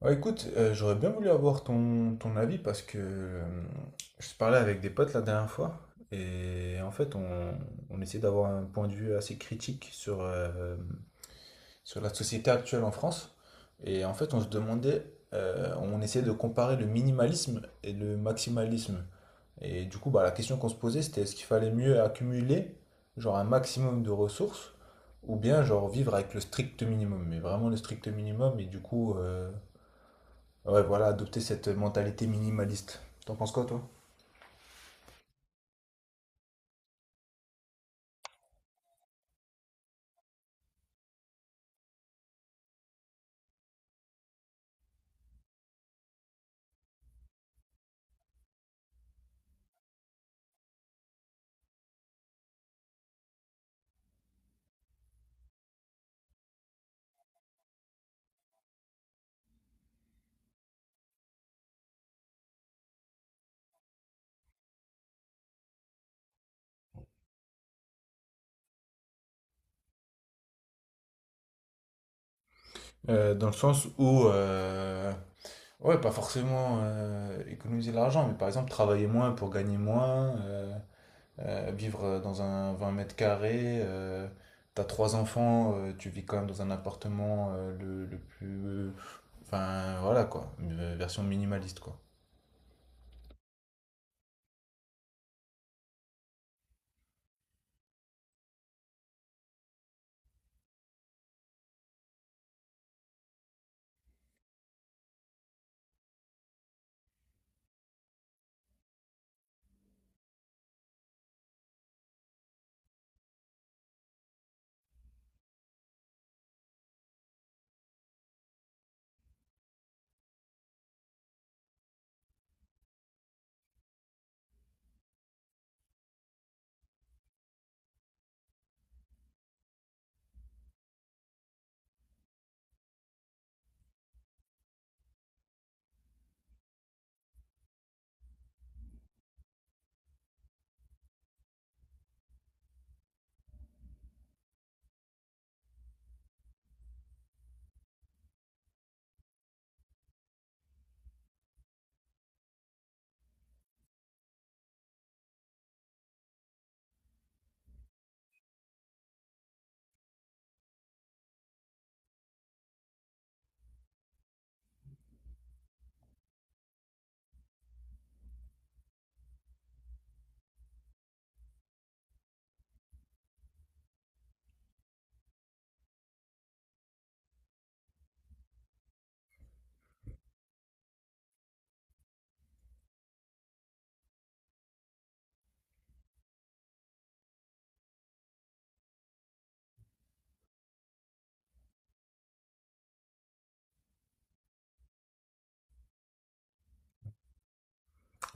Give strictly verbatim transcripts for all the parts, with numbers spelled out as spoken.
Ouais, écoute, euh, j'aurais bien voulu avoir ton, ton avis parce que euh, je parlais avec des potes la dernière fois et en fait on, on essaie d'avoir un point de vue assez critique sur, euh, sur la société actuelle en France et en fait on se demandait, euh, on essayait de comparer le minimalisme et le maximalisme et du coup bah, la question qu'on se posait c'était est-ce qu'il fallait mieux accumuler genre un maximum de ressources ou bien genre vivre avec le strict minimum mais vraiment le strict minimum et du coup... euh, Ouais, voilà, adopter cette mentalité minimaliste. T'en penses quoi, toi? Euh, dans le sens où, euh, ouais, pas forcément euh, économiser de l'argent, mais par exemple travailler moins pour gagner moins, euh, euh, vivre dans un vingt mètres carrés, euh, t'as trois enfants, euh, tu vis quand même dans un appartement euh, le, le plus... Enfin, voilà quoi, une version minimaliste quoi.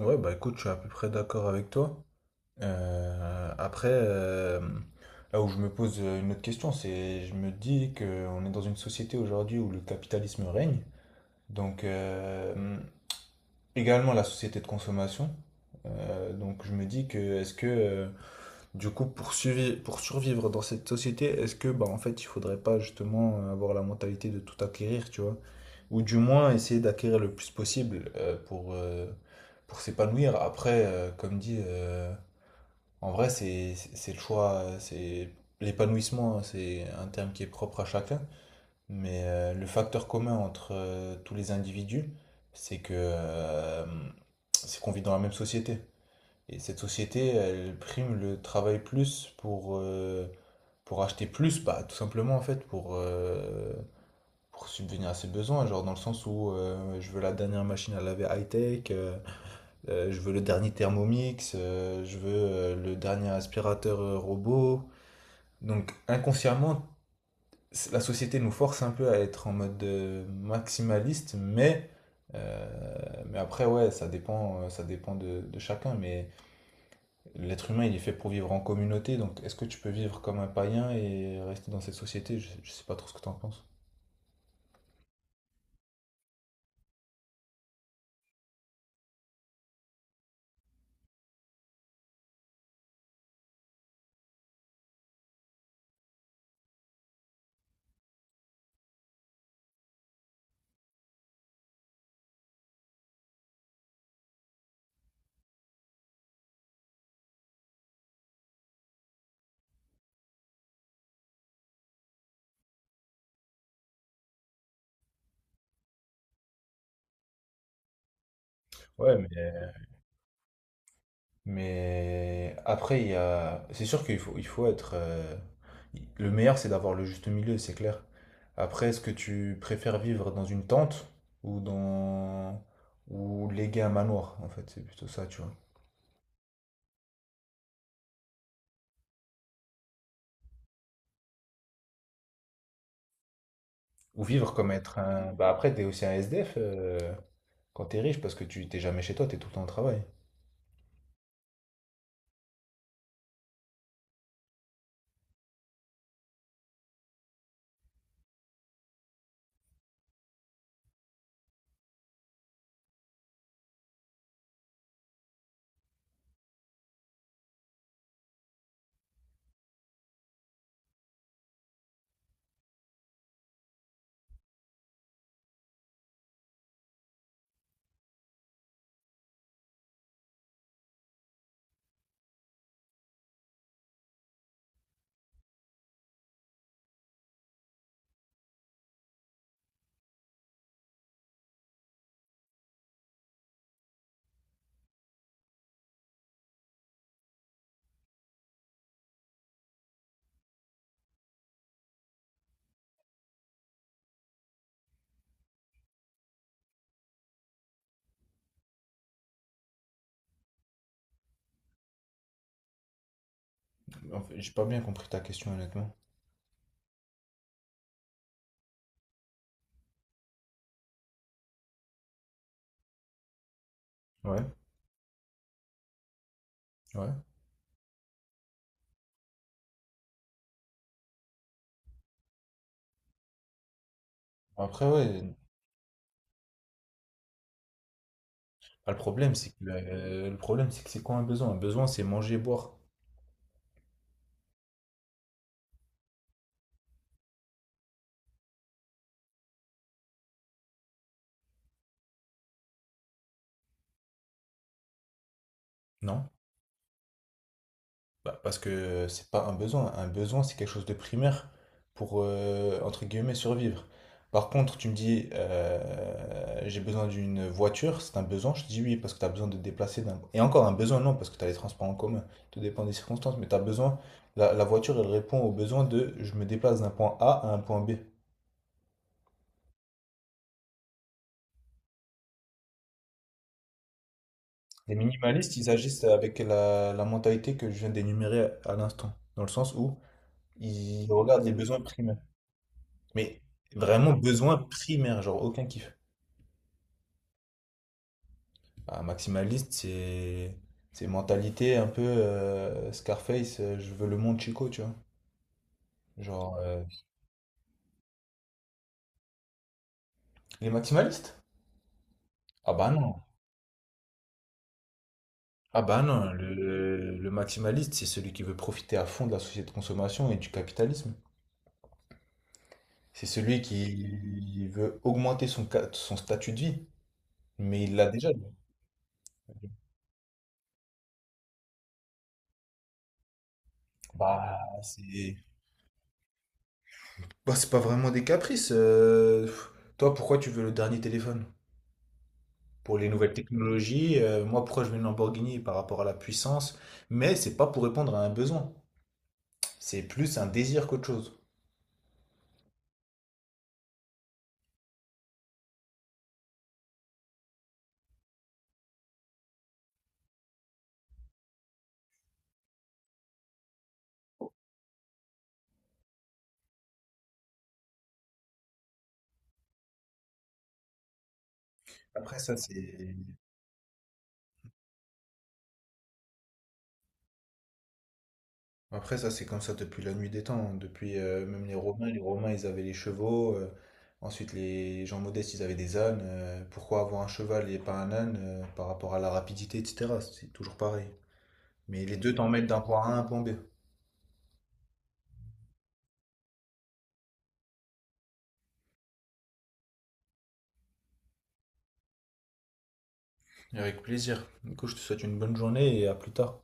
Ouais, bah écoute, je suis à peu près d'accord avec toi. Heu, après, hem, là où je me pose, une autre question, c'est je me dis qu'on est dans une société aujourd'hui où le capitalisme règne, donc hem, également la société de consommation. Heu, donc je me dis que est-ce que, heu, du coup pour suivi pour survivre dans cette société, est-ce que, bah, en fait, il faudrait pas justement, heu, avoir la mentalité de tout acquérir, tu vois? Ou du moins essayer d'acquérir le plus possible, heu, pour, heu, pour s'épanouir. Après, heu, comme dit, heu en vrai, c'est c'est- c'est le choix, euh, c'est l'épanouissement, c'est un terme qui est propre à chacun. Mais euh, le facteur commun entre euh, tous les individus, c'est que euh, c'est qu'on vit dans la même société. Et cette société, elle prime le travail plus pour euh, pour acheter plus, bah tout simplement en fait pour euh, pour subvenir à ses besoins, genre dans le sens où euh, je veux la dernière machine à laver high-tech. Euh, euh, je veux le dernier Thermomix, euh, je veux euh, le dernier aspirateur euh, robot. Donc inconsciemment, c- la société nous force un peu à être en mode euh, maximaliste, mais, euh, mais après, ouais, ça dépend, euh, ça dépend de, de chacun. Mais l'être humain, il est fait pour vivre en communauté, donc est-ce que tu peux vivre comme un païen et rester dans cette société? Je, je sais pas trop ce que tu en penses. Ouais, mais Mais après, il y a... c'est sûr qu'il faut, il faut être... euh, Le meilleur, c'est d'avoir le juste milieu, c'est clair. Après, est-ce que tu préfères vivre dans une tente ou dans... ou léguer un manoir, en fait, c'est plutôt ça, tu vois. Ou vivre comme être un... Bah après, t'es aussi un S D F euh, quand t'es riche parce que tu t'es jamais chez toi, t'es tout le temps au travail. En fait, j'ai pas bien compris ta question, honnêtement. Ouais, ouais. Après, ouais, bah, le problème, c'est que, euh, le problème, c'est que c'est quoi un besoin? Un besoin, c'est manger, boire, non? Bah, parce que c'est pas un besoin. Un besoin, c'est quelque chose de primaire pour, euh, entre guillemets, survivre. Par contre, tu me dis, euh, j'ai besoin d'une voiture, c'est un besoin. Je te dis oui, parce que tu as besoin de te déplacer. d'un- Et encore un besoin, non, parce que tu as les transports en commun. Tout dépend des circonstances, mais tu as besoin. La, la voiture, elle répond au besoin de je me déplace d'un point A à un point B. Les minimalistes, ils agissent avec la, la mentalité que je viens d'énumérer à l'instant, dans le sens où ils regardent les besoins primaires. Mais vraiment besoin primaire, genre aucun kiff. Ah, maximaliste, c'est c'est mentalité un peu euh, Scarface, euh, je veux le monde Chico, tu vois. Genre euh, les maximalistes? Ah bah non. Ah bah non, le, le maximaliste, c'est celui qui veut profiter à fond de la société de consommation et du capitalisme. C'est celui qui veut augmenter son, ca- son statut de vie, mais il l'a déjà. Lui. Bah, c'est Bah, c'est pas vraiment des caprices. Euh, pff. Toi, pourquoi tu veux le dernier téléphone? Pour les nouvelles technologies. Euh, moi, pourquoi je veux une Lamborghini par rapport à la puissance? Mais c'est pas pour répondre à un besoin. C'est plus un désir qu'autre chose. Après ça, c'est après ça, c'est comme ça depuis la nuit des temps. Hein. Depuis euh, même les Romains, les Romains, ils avaient les chevaux. euh, ensuite, les gens modestes, ils avaient des ânes. euh, pourquoi avoir un cheval et pas un âne euh, par rapport à la rapidité, et cetera. C'est toujours pareil. Mais les deux t'emmènent d'un point A à un point B. Avec plaisir. Du coup, je te souhaite une bonne journée et à plus tard.